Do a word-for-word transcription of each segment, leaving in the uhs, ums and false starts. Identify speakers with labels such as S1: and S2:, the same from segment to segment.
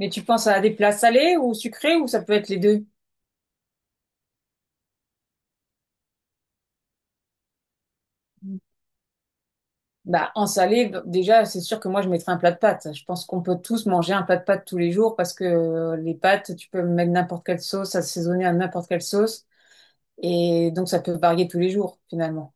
S1: Mais tu penses à des plats salés ou sucrés ou ça peut être les deux? Bah, en salé, b- déjà, c'est sûr que moi, je mettrais un plat de pâtes. Je pense qu'on peut tous manger un plat de pâtes tous les jours parce que euh, les pâtes, tu peux mettre n'importe quelle sauce, assaisonner à n'importe quelle sauce. Et donc, ça peut varier tous les jours, finalement.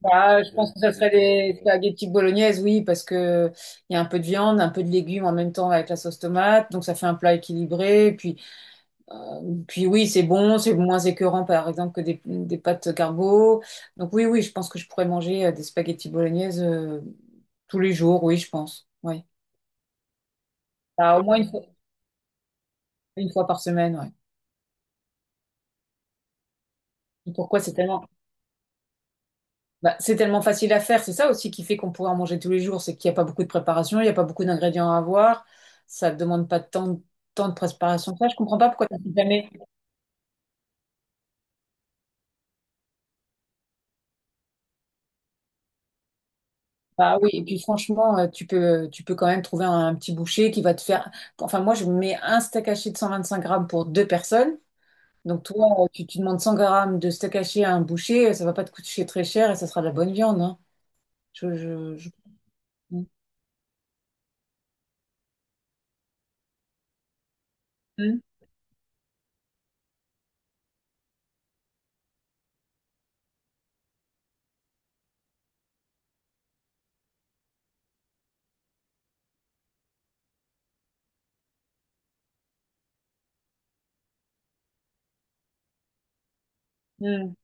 S1: Bah, je pense que ça serait des spaghettis bolognaises, oui, parce que il y a un peu de viande, un peu de légumes en même temps avec la sauce tomate. Donc, ça fait un plat équilibré. Puis, Euh, Puis oui, c'est bon, c'est moins écœurant par exemple que des, des pâtes carbo. Donc oui, oui, je pense que je pourrais manger euh, des spaghettis bolognaises euh, tous les jours, oui, je pense. Oui. Bah, au moins une fois, une fois par semaine, ouais. Et pourquoi c'est tellement, bah, c'est tellement facile à faire, c'est ça aussi qui fait qu'on pourrait en manger tous les jours, c'est qu'il n'y a pas beaucoup de préparation, il n'y a pas beaucoup d'ingrédients à avoir, ça ne demande pas tant, tant de préparation. Que Ça, je comprends pas pourquoi tu n'as jamais. Bah oui, et puis franchement, euh, tu peux, tu peux quand même trouver un, un petit boucher qui va te faire. Enfin, moi, je mets un steak haché de cent vingt-cinq grammes pour deux personnes. Donc, toi, euh, tu, tu demandes cent grammes de steak haché à un boucher, ça va pas te coûter très cher et ça sera de la bonne viande, hein. Je, je, je- Mm, mm,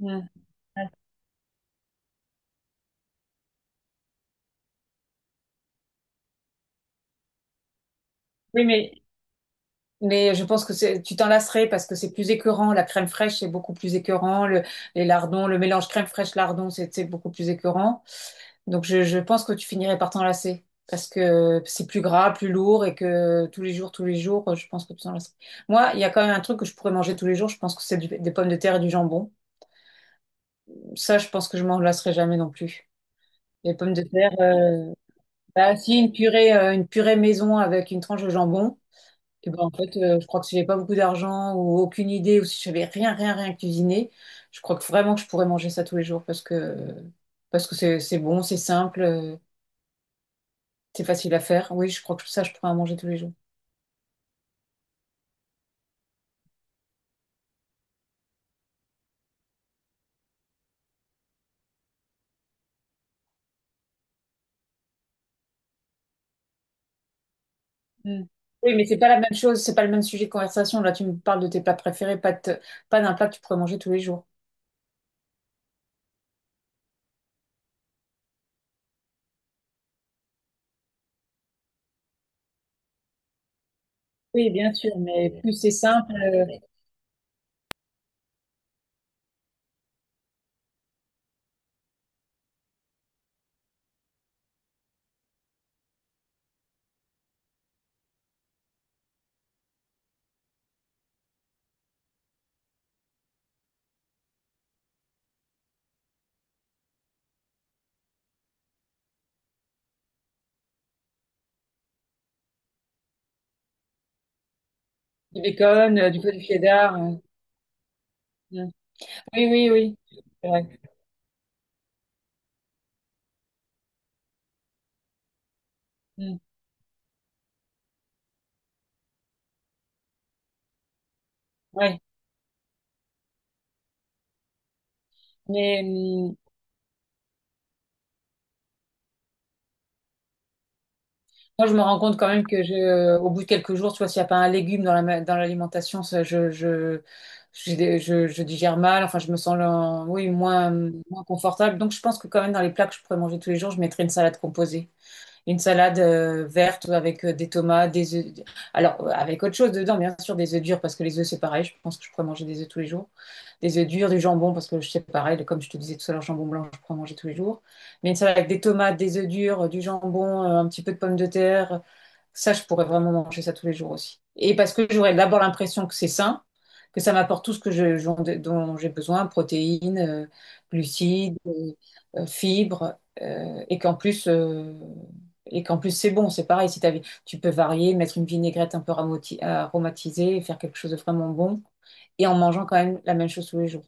S1: mm. Oui, mais Mais je pense que c'est- tu t'en lasserais parce que c'est plus écœurant. La crème fraîche, c'est beaucoup plus écœurant. Le, les lardons, le mélange crème fraîche lardon, c'est c'est beaucoup plus écœurant. Donc je, je pense que tu finirais par t'en lasser parce que c'est plus gras, plus lourd et que tous les jours, tous les jours, je pense que tu t'en lasserais. Moi, il y a quand même un truc que je pourrais manger tous les jours. Je pense que c'est du- des pommes de terre et du jambon. Ça, je pense que je m'en lasserai jamais non plus. Les pommes de terre, euh, bah, si une purée, euh, une purée maison avec une tranche de jambon. Et ben, en fait, euh, je crois que si j'avais pas beaucoup d'argent ou aucune idée ou si j'avais rien, rien, rien cuisiné, je crois que vraiment que je pourrais manger ça tous les jours parce que parce que c'est c'est bon, c'est simple, euh, c'est facile à faire. Oui, je crois que ça, je pourrais en manger tous les jours. Mm. Oui, mais c'est pas la même chose, c'est pas le même sujet de conversation. Là, tu me parles de tes plats préférés, pas de te- pas d'un plat que tu pourrais manger tous les jours. Oui, bien sûr, mais plus c'est simple, euh, du bacon, euh, du peu de cheddar. euh, mm. Oui, oui, oui. C'est vrai. Mm. Ouais. Mais moi, je me rends compte quand même que je, euh, au bout de quelques jours, tu vois, s'il n'y a pas un légume dans la, ma- dans l'alimentation, ça, je, je, j'ai des- je, je digère mal. Enfin, je me sens, là, oui, moins, moins confortable. Donc, je pense que quand même, dans les plats que je pourrais manger tous les jours, je mettrais une salade composée une salade euh, verte avec euh, des tomates, des œufs. Alors, euh, avec autre chose dedans, bien sûr, des œufs durs, parce que les œufs, c'est pareil. Je pense que je pourrais manger des œufs tous les jours. Des œufs durs, du jambon, parce que c'est pareil. Comme je te disais tout à l'heure, jambon blanc, je pourrais manger tous les jours. Mais une salade avec des tomates, des œufs durs, euh, du jambon, euh, un petit peu de pommes de terre. Ça, je pourrais vraiment manger ça tous les jours aussi. Et parce que j'aurais d'abord l'impression que c'est sain, que ça m'apporte tout ce que je, j'en- dont j'ai besoin, protéines, euh, glucides, euh, euh, fibres, euh, et qu'en plus, euh, et qu'en plus, c'est bon, c'est pareil. Si t'as- tu peux varier, mettre une vinaigrette un peu ramoti- aromatisée, faire quelque chose de vraiment bon, et en mangeant quand même la même chose tous les jours.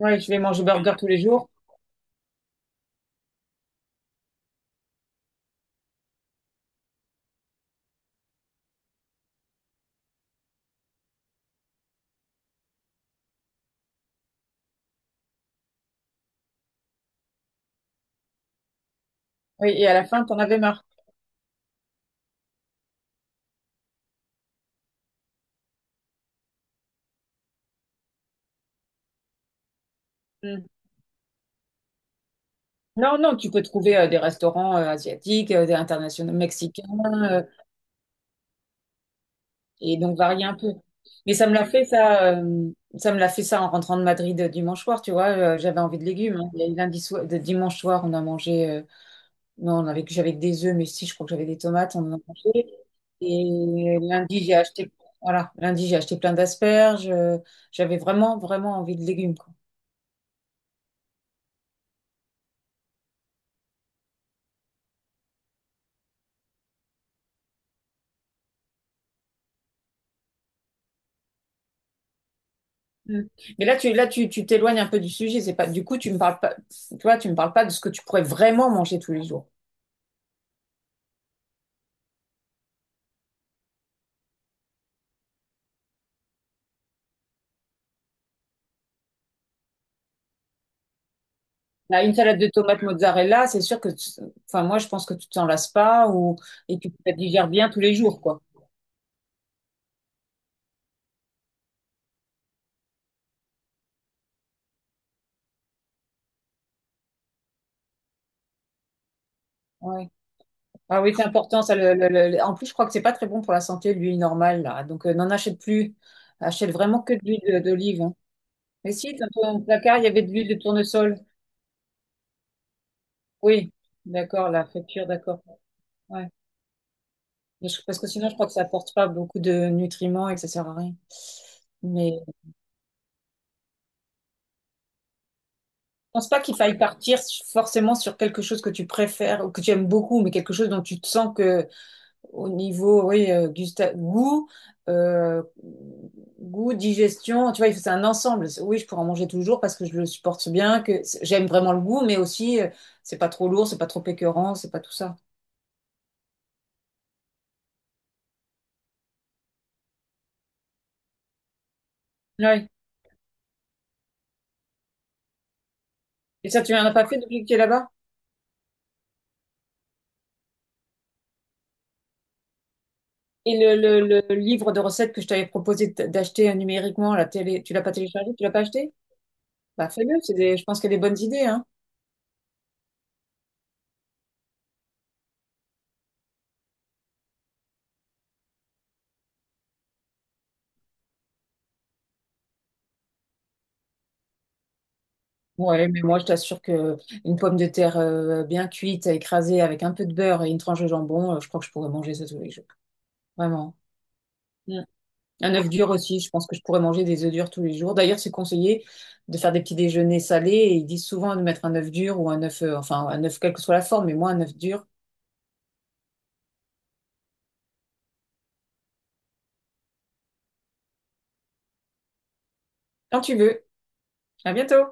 S1: Oui, tu vais manger burger tous les jours. Oui, et à la fin, t'en avais marre. Mm. Non, non, tu peux trouver euh, des restaurants euh, asiatiques, euh, des internationaux mexicains, euh, et donc varier un peu. Mais ça me l'a fait ça, euh, ça me l'a fait ça en rentrant de Madrid euh, dimanche soir, tu vois, euh, j'avais envie de légumes, hein. Et lundi soir, de- dimanche soir, on a mangé, euh, non, on avait j'avais que des œufs, mais si, je crois que j'avais des tomates, on en a mangé. Et lundi, j'ai acheté, voilà, lundi, j'ai acheté plein d'asperges. euh, J'avais vraiment, vraiment envie de légumes, quoi. Mm. Mais là, tu, là, tu, tu t'éloignes un peu du sujet. C'est pas, du coup, tu me parles pas, tu vois, tu me parles pas de ce que tu pourrais vraiment manger tous les jours. Là, une salade de tomates mozzarella, c'est sûr que, tu- enfin, moi, je pense que tu t'en lasses pas ou, et que tu la digères bien tous les jours, quoi. Ouais. Ah oui, c'est important, ça, le- le- le- en plus, je crois que c'est pas très bon pour la santé, l'huile normale, là. Donc, euh, n'en achète plus. Achète vraiment que de l'huile d'olive, hein. Mais si, dans ton placard, il y avait de l'huile de tournesol. Oui, d'accord, la friture, d'accord. Ouais. Mais je- parce que sinon, je crois que ça apporte pas beaucoup de nutriments et que ça sert à rien. Mais je pense pas qu'il faille partir s- forcément sur quelque chose que tu préfères ou que tu aimes beaucoup, mais quelque chose dont tu te sens que au niveau, oui, euh, gusta- goût, euh, goût, digestion, tu vois, c'est un ensemble. C'est- oui, je pourrais en manger toujours parce que je le supporte bien, que c'est- j'aime vraiment le goût, mais aussi, euh, c'est pas trop lourd, c'est pas trop écœurant, c'est pas tout ça. Oui, et ça, tu n'en as pas fait depuis que tu es là-bas? Et le, le- le livre de recettes que je t'avais proposé de- d'acheter numériquement, la télé, tu l'as pas téléchargé, tu l'as pas acheté? Bah fais-le, c'est des, je pense qu'il y a des bonnes idées, hein. Ouais, mais moi je t'assure que une pomme de terre euh, bien cuite, écrasée avec un peu de beurre et une tranche de jambon, euh, je crois que je pourrais manger ça tous les jours. Vraiment. Mm. Un œuf dur aussi, je pense que je pourrais manger des œufs durs tous les jours. D'ailleurs, c'est conseillé de faire des petits déjeuners salés et ils disent souvent de mettre un œuf dur ou un œuf, euh, enfin un œuf quelle que soit la forme, mais moi un œuf dur quand tu veux. À bientôt.